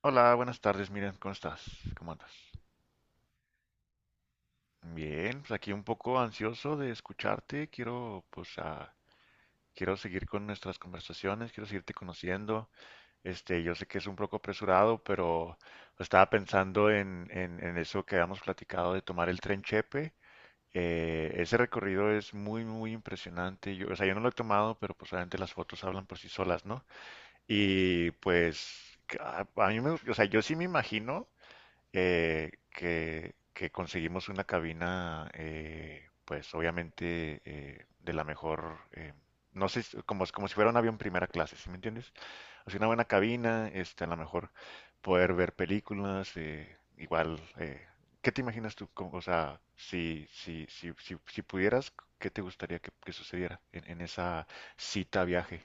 Hola, buenas tardes, Miren, ¿cómo estás? ¿Cómo andas? Bien, pues aquí un poco ansioso de escucharte, quiero quiero seguir con nuestras conversaciones, quiero seguirte conociendo. Yo sé que es un poco apresurado, pero estaba pensando en eso que habíamos platicado de tomar el tren Chepe. Ese recorrido es muy, muy impresionante. Yo, o sea, yo no lo he tomado, pero pues obviamente las fotos hablan por sí solas, ¿no? Y pues que a mí me, o sea, yo sí me imagino que conseguimos una cabina, pues obviamente de la mejor, no sé, como si fuera un avión primera clase, ¿sí me entiendes? Así una buena cabina, a lo mejor poder ver películas, igual, ¿qué te imaginas tú? O sea, si pudieras, ¿qué te gustaría que sucediera en esa cita viaje?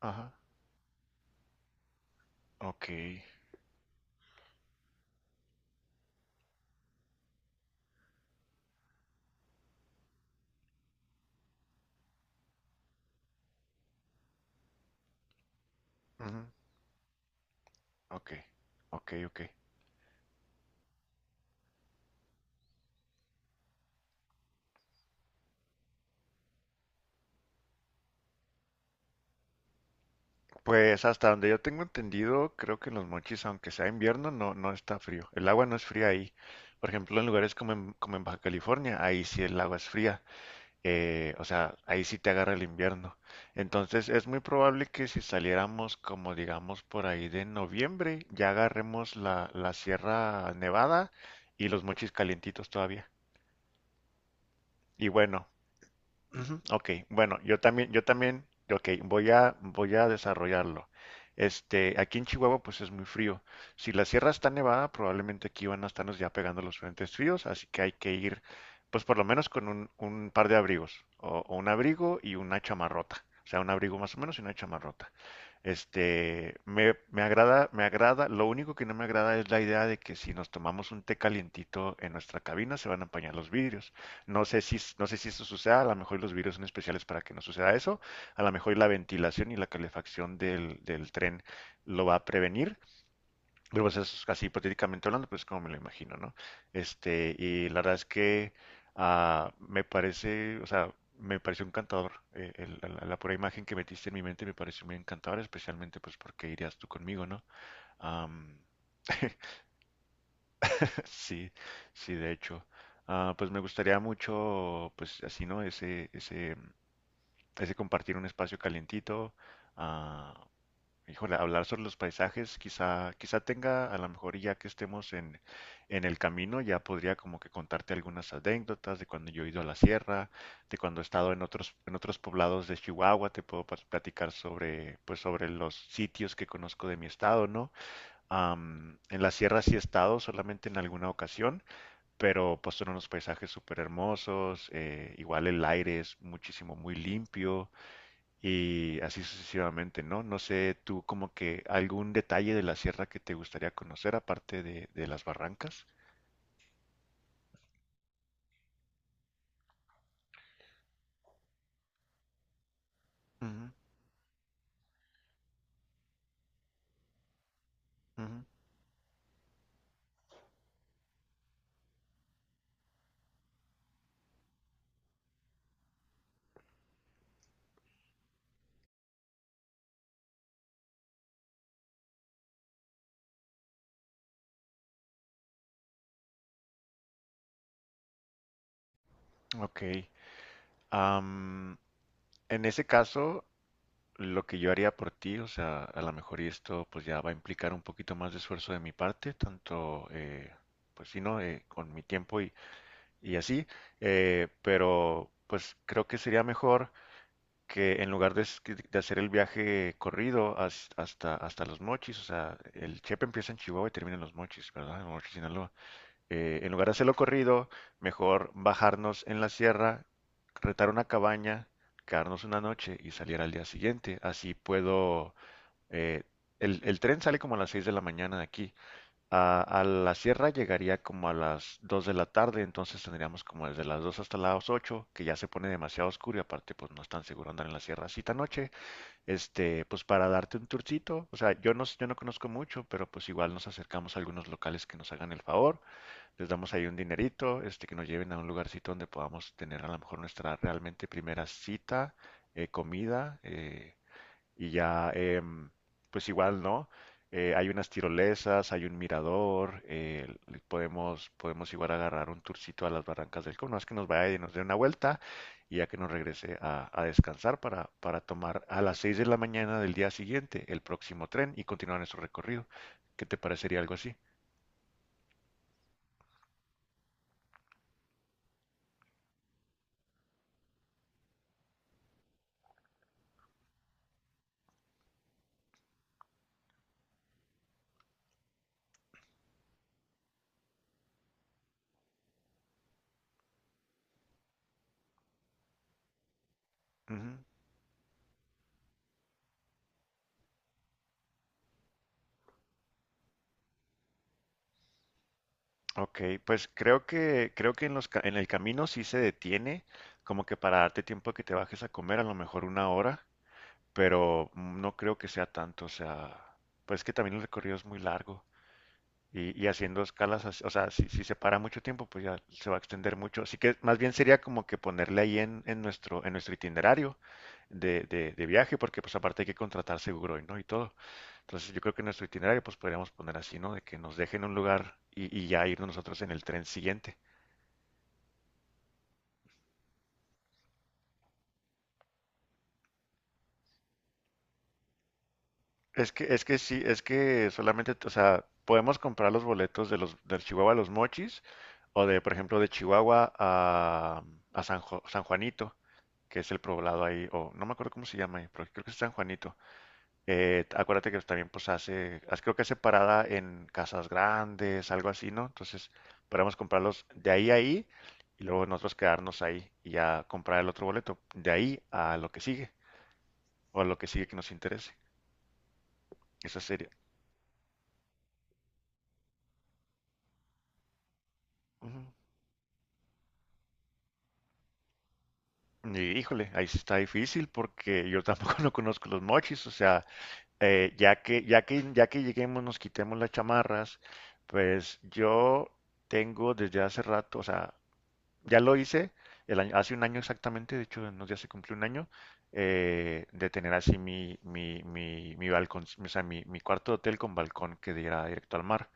Ajá, ok, ujú, ok, ok, ok. Pues hasta donde yo tengo entendido, creo que en los Mochis, aunque sea invierno, no está frío. El agua no es fría ahí. Por ejemplo, en lugares como en Baja California, ahí sí el agua es fría. O sea, ahí sí te agarra el invierno. Entonces, es muy probable que si saliéramos como digamos por ahí de noviembre, ya agarremos la Sierra Nevada y los Mochis calientitos todavía. Y bueno, ujú, ok, bueno, yo también, ok, voy a desarrollarlo. Aquí en Chihuahua pues es muy frío. Si la sierra está nevada, probablemente aquí van a estarnos ya pegando los frentes fríos, así que hay que ir pues por lo menos con un par de abrigos, o un abrigo y una chamarrota, o sea, un abrigo más o menos y una chamarrota. Me agrada, lo único que no me agrada es la idea de que si nos tomamos un té calientito en nuestra cabina se van a empañar los vidrios. No sé si eso suceda, a lo mejor los virus son especiales para que no suceda eso, a lo mejor la ventilación y la calefacción del tren lo va a prevenir, pero pues es así hipotéticamente hablando, pues como me lo imagino, ¿no? Y la verdad es que me parece, o sea, me pareció encantador, la pura imagen que metiste en mi mente me pareció muy encantadora, especialmente pues porque irías tú conmigo, ¿no? Am, sí, sí, de hecho. Ah, pues me gustaría mucho, pues así, ¿no? Ese compartir un espacio calientito, ah, híjole, hablar sobre los paisajes, quizá tenga, a lo mejor ya que estemos en el camino, ya podría como que contarte algunas anécdotas de cuando yo he ido a la sierra, de cuando he estado en otros poblados de Chihuahua, te puedo platicar sobre, pues sobre los sitios que conozco de mi estado, ¿no? En la sierra sí he estado, solamente en alguna ocasión, pero pues son unos paisajes súper hermosos, igual el aire es muchísimo, muy limpio, y así sucesivamente, ¿no? No sé, tú como que algún detalle de la sierra que te gustaría conocer aparte de las barrancas. Ujú, ujú. Ok. Am, en ese caso, lo que yo haría por ti, o sea, a lo mejor y esto pues ya va a implicar un poquito más de esfuerzo de mi parte, tanto, pues sí, ¿no? Con mi tiempo y así, pero pues creo que sería mejor que en lugar de hacer el viaje corrido hasta, hasta Los Mochis, o sea, el Chepe empieza en Chihuahua y termina en Los Mochis, ¿verdad? En Mochis, Sinaloa. En lugar de hacerlo corrido, mejor bajarnos en la sierra, retar una cabaña, quedarnos una noche y salir al día siguiente. Así puedo... eh, el tren sale como a las 6 de la mañana de aquí. A la sierra llegaría como a las 2 de la tarde, entonces tendríamos como desde las 2 hasta las 8 que ya se pone demasiado oscuro y aparte pues no es tan seguro andar en la sierra así tan noche. Pues para darte un tourcito, o sea, yo no conozco mucho, pero pues igual nos acercamos a algunos locales que nos hagan el favor, les damos ahí un dinerito, que nos lleven a un lugarcito donde podamos tener a lo mejor nuestra realmente primera cita, comida, y ya, pues igual, ¿no? Hay unas tirolesas, hay un mirador, podemos igual agarrar un tourcito a las Barrancas del Cono, es que nos vaya y nos dé una vuelta y ya que nos regrese a descansar para tomar a las 6 de la mañana del día siguiente el próximo tren y continuar nuestro recorrido. ¿Qué te parecería algo así? Ujú. Ok, pues creo que en el camino sí se detiene, como que para darte tiempo que te bajes a comer, a lo mejor una hora, pero no creo que sea tanto, o sea, pues es que también el recorrido es muy largo y haciendo escalas, o sea, si se para mucho tiempo, pues ya se va a extender mucho, así que más bien sería como que ponerle ahí en nuestro itinerario de viaje, porque pues aparte hay que contratar seguro y no y todo, entonces yo creo que en nuestro itinerario pues podríamos poner así, ¿no? De que nos dejen un lugar y ya irnos nosotros en el tren siguiente. Es que sí, es que solamente, o sea, podemos comprar los boletos de los del Chihuahua a los Mochis o de, por ejemplo, de Chihuahua a San Juanito, que es el poblado ahí, o no me acuerdo cómo se llama ahí, pero creo que es San Juanito. Acuérdate que también pues creo que hace parada en Casas Grandes, algo así, ¿no? Entonces, podemos comprarlos de ahí a ahí y luego nosotros quedarnos ahí y ya comprar el otro boleto, de ahí a lo que sigue o a lo que sigue que nos interese. Esa sería. Híjole, ahí sí está difícil porque yo tampoco no conozco los mochis, o sea, ya que lleguemos, nos quitemos las chamarras, pues yo tengo desde hace rato, o sea, ya lo hice hace un año exactamente, de hecho, en unos días se cumplió un año, de tener así mi balcón, o sea, mi cuarto de hotel con balcón que diera directo al mar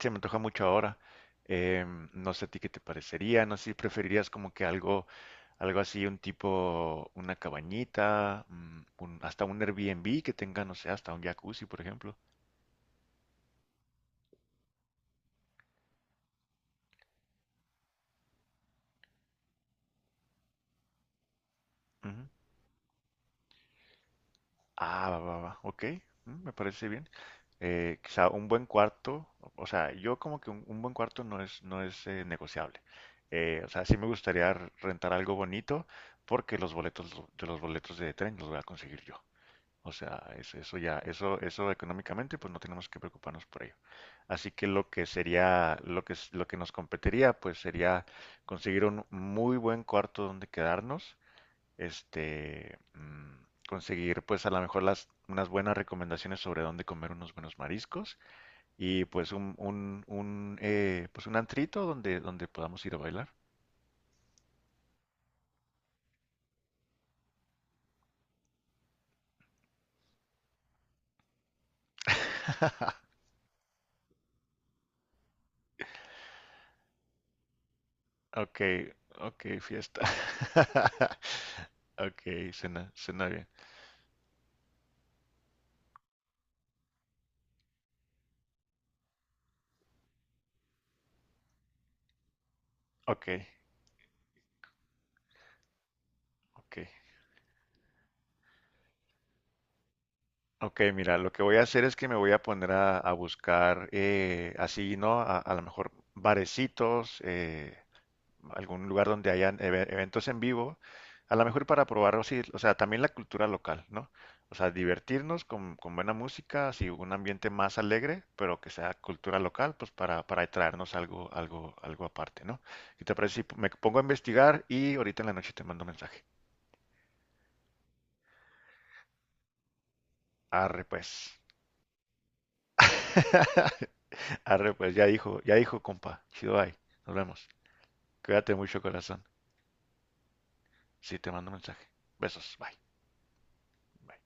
se me antoja mucho ahora. Eh, no sé a ti qué te parecería, no sé si preferirías como que algo, algo así, un tipo, una cabañita, hasta un Airbnb que tenga, no sé, hasta un jacuzzi, por ejemplo. Ujú. Ah, va, va, va, ok, mm, me parece bien. Quizá un buen cuarto, o sea, yo como que un buen cuarto no es negociable. O sea, sí me gustaría rentar algo bonito porque los boletos de tren los voy a conseguir yo. O sea, eso ya, eso económicamente, pues no tenemos que preocuparnos por ello. Así que lo que sería, lo que nos competiría, pues sería conseguir un muy buen cuarto donde quedarnos, conseguir, pues a lo mejor unas buenas recomendaciones sobre dónde comer unos buenos mariscos y pues pues un antrito donde, donde podamos ir a bailar. Ok, ok, fiesta. Ok, cena, cena bien. Ok. Ok, ok, mira, lo que voy a hacer es que me voy a poner a buscar así, ¿no? A lo mejor barecitos, algún lugar donde hayan eventos en vivo, a lo mejor para probar, o, sí, o sea, también la cultura local, ¿no? O sea, divertirnos con buena música, así un ambiente más alegre, pero que sea cultura local, pues para traernos algo, algo, algo aparte, ¿no? ¿Y te parece si me pongo a investigar y ahorita en la noche te mando un mensaje? Arre, pues. Arre, pues ya dijo, compa. Chido, bye. Nos vemos. Cuídate mucho, corazón. Sí, te mando un mensaje. Besos, bye. Bye.